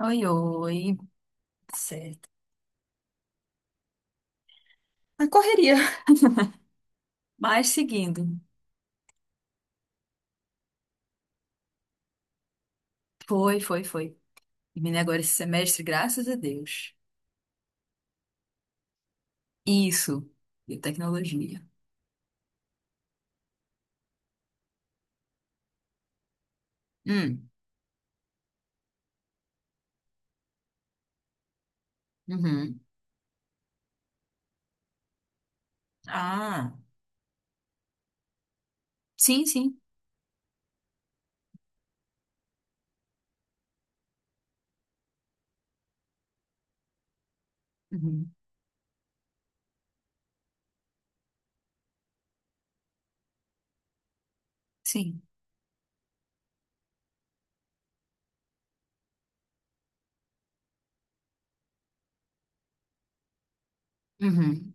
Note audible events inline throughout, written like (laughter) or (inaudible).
Oi, oi, certo. Na correria. Mas seguindo, foi, foi, foi. Terminei agora esse semestre, graças a Deus. Isso, biotecnologia. Hum, uhum. Ah, sim, sim. Uhum, sim. Uhum.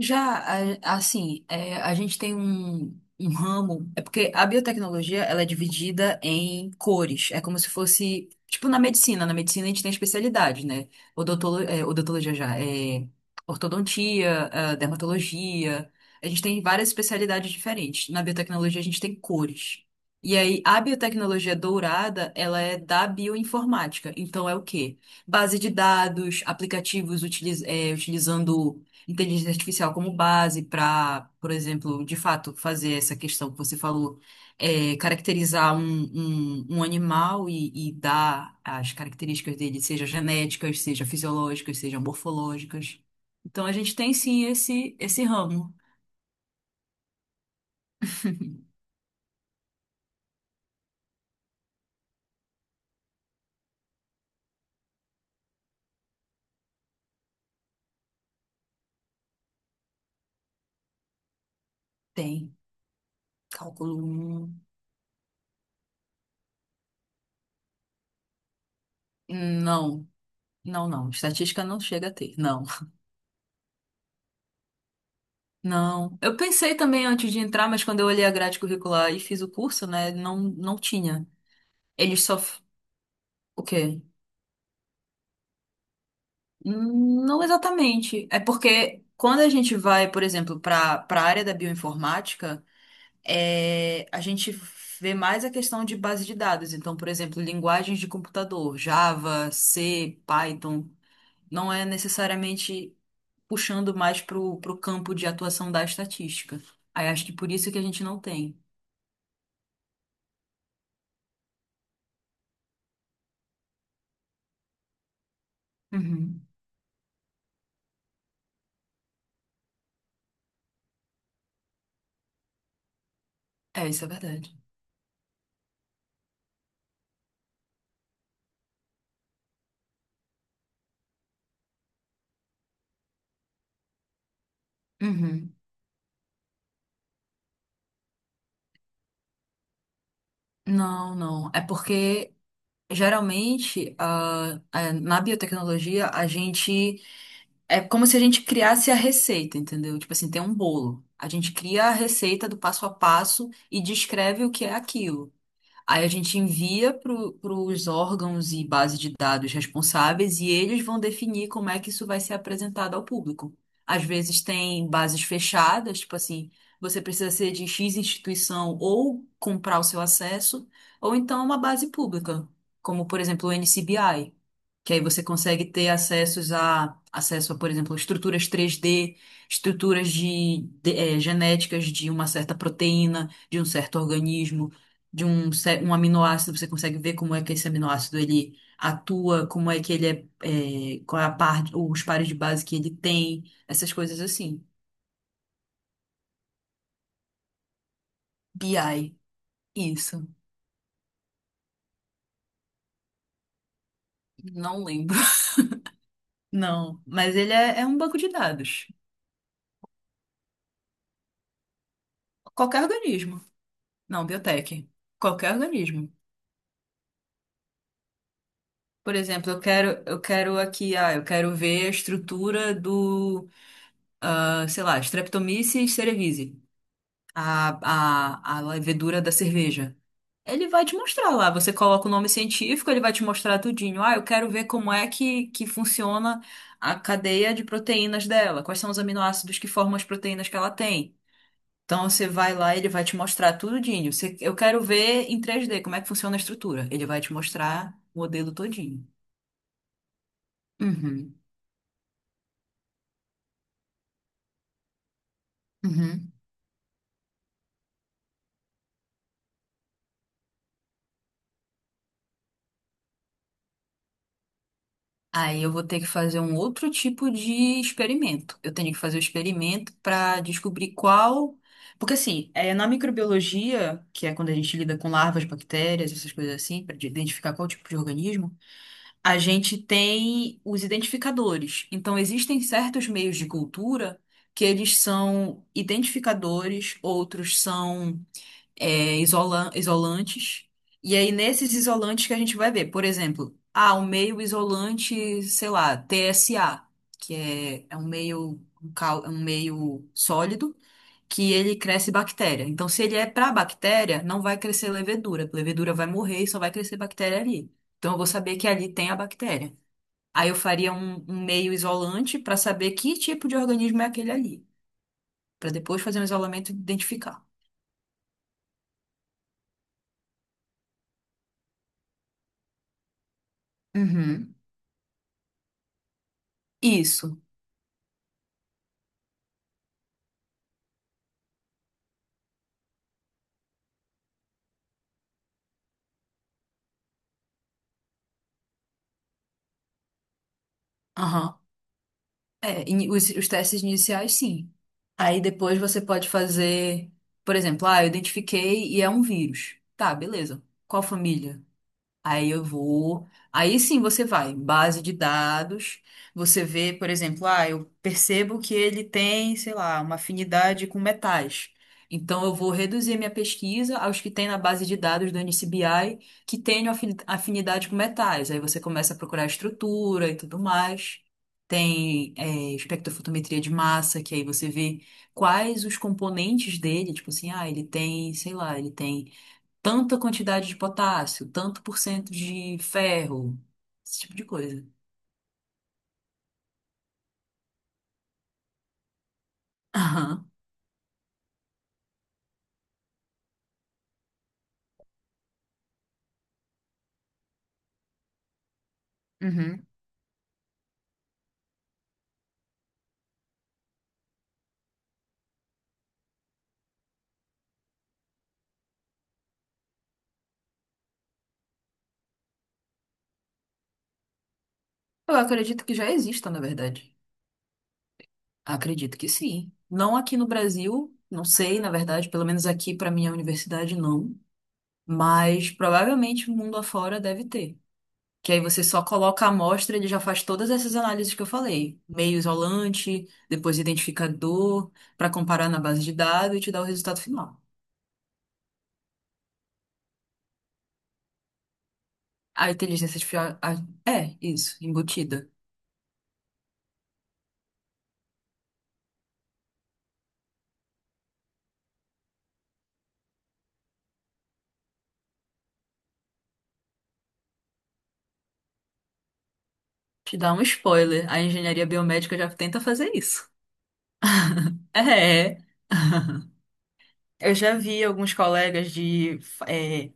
Já, assim, a gente tem um ramo. É porque a biotecnologia ela é dividida em cores. É como se fosse. Tipo na medicina. Na medicina a gente tem especialidade, né? Odontologia já. Ortodontia, dermatologia. A gente tem várias especialidades diferentes. Na biotecnologia a gente tem cores. E aí, a biotecnologia dourada, ela é da bioinformática. Então, é o quê? Base de dados, aplicativos utilizando inteligência artificial como base para, por exemplo, de fato, fazer essa questão que você falou, é, caracterizar um animal e dar as características dele, seja genéticas, seja fisiológicas, seja morfológicas. Então, a gente tem sim esse ramo. Tem. Cálculo 1. Não. Não, não. Estatística não chega a ter. Não. Não. Eu pensei também antes de entrar, mas quando eu olhei a grade curricular e fiz o curso, né, não tinha. Eles só. O quê? Não exatamente. É porque quando a gente vai, por exemplo, para a área da bioinformática, é, a gente vê mais a questão de base de dados. Então, por exemplo, linguagens de computador, Java, C, Python, não é necessariamente puxando mais para o campo de atuação da estatística. Aí acho que por isso que a gente não tem. Uhum. É, isso é verdade. Uhum. Não, não. É porque geralmente na biotecnologia a gente. É como se a gente criasse a receita, entendeu? Tipo assim, tem um bolo. A gente cria a receita do passo a passo e descreve o que é aquilo. Aí a gente envia para os órgãos e base de dados responsáveis e eles vão definir como é que isso vai ser apresentado ao público. Às vezes tem bases fechadas, tipo assim, você precisa ser de X instituição ou comprar o seu acesso, ou então uma base pública, como por exemplo o NCBI, que aí você consegue ter acessos a acesso a, por exemplo, estruturas 3D, estruturas genéticas de uma certa proteína, de um certo organismo de um aminoácido, você consegue ver como é que esse aminoácido ele atua, como é que ele é, qual é a parte, os pares de base que ele tem, essas coisas assim. BI, isso. Não lembro. (laughs) Não, mas ele é um banco de dados. Qualquer organismo. Não, biotech. Qualquer organismo. Por exemplo, eu quero ver a estrutura do, ah, sei lá, Streptomyces cerevisiae, a levedura da cerveja. Ele vai te mostrar lá. Você coloca o nome científico, ele vai te mostrar tudinho. Ah, eu quero ver como é que funciona a cadeia de proteínas dela. Quais são os aminoácidos que formam as proteínas que ela tem. Então você vai lá, ele vai te mostrar tudinho. Eu quero ver em 3D como é que funciona a estrutura. Ele vai te mostrar o modelo todinho. Uhum, uhum. Aí eu vou ter que fazer um outro tipo de experimento. Eu tenho que fazer o experimento para descobrir qual. Porque, assim, é, na microbiologia, que é quando a gente lida com larvas, bactérias, essas coisas assim, para identificar qual tipo de organismo, a gente tem os identificadores. Então, existem certos meios de cultura que eles são identificadores, outros são isolantes. E aí, nesses isolantes que a gente vai ver, por exemplo, ah, um meio isolante, sei lá, TSA, que é um meio sólido que ele cresce bactéria. Então, se ele é para bactéria, não vai crescer levedura. Levedura vai morrer e só vai crescer bactéria ali. Então, eu vou saber que ali tem a bactéria. Aí eu faria um meio isolante para saber que tipo de organismo é aquele ali, para depois fazer um isolamento e identificar. Uhum. Isso. É, os testes iniciais, sim. Aí depois você pode fazer, por exemplo, ah, eu identifiquei e é um vírus. Tá, beleza. Qual família? Aí eu vou. Aí sim você vai, base de dados. Você vê, por exemplo, ah, eu percebo que ele tem, sei lá, uma afinidade com metais. Então eu vou reduzir minha pesquisa aos que tem na base de dados do NCBI que tenham afinidade com metais. Aí você começa a procurar estrutura e tudo mais. Tem, é, espectrofotometria de massa, que aí você vê quais os componentes dele, tipo assim, ah, ele tem, sei lá, ele tem tanta quantidade de potássio, tanto por cento de ferro, esse tipo de coisa. Aham. Uhum. Eu acredito que já existam, na verdade. Acredito que sim. Não aqui no Brasil, não sei, na verdade, pelo menos aqui para minha universidade não, mas provavelmente o mundo afora deve ter. Que aí você só coloca a amostra, ele já faz todas essas análises que eu falei, meio isolante, depois identificador, para comparar na base de dados e te dar o resultado final. A inteligência artificial. É, isso, embutida. Te dá um spoiler. A engenharia biomédica já tenta fazer isso. É. (laughs) Eu já vi alguns colegas de.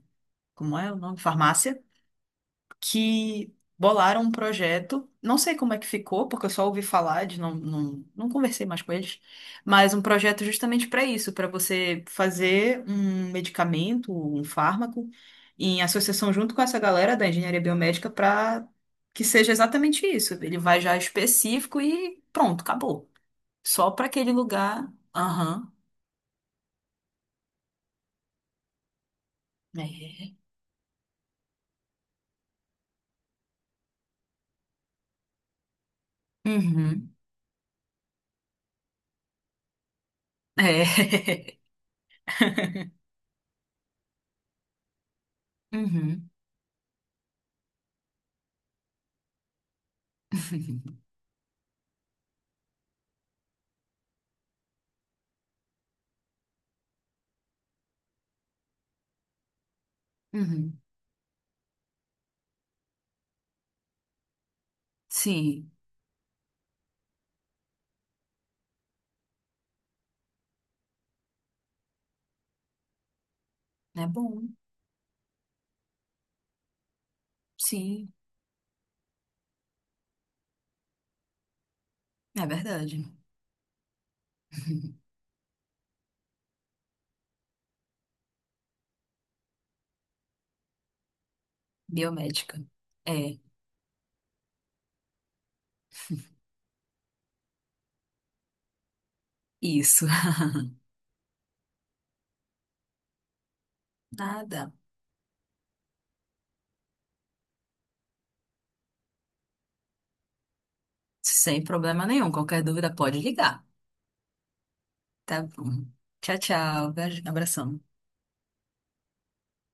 Como é o nome? Farmácia. Que bolaram um projeto. Não sei como é que ficou, porque eu só ouvi falar de não não conversei mais com eles, mas um projeto justamente para isso, para você fazer um medicamento, um fármaco, em associação junto com essa galera da engenharia biomédica para que seja exatamente isso. Ele vai já específico e pronto, acabou. Só para aquele lugar. Aham. É. Uhum. É. (laughs) Uhum. (laughs) Uhum. Sim, é bom. Sim. É verdade. (laughs) Biomédica. É, isso. (laughs) Nada. Sem problema nenhum. Qualquer dúvida pode ligar. Tá bom. Tchau, tchau. Beijo, Abração.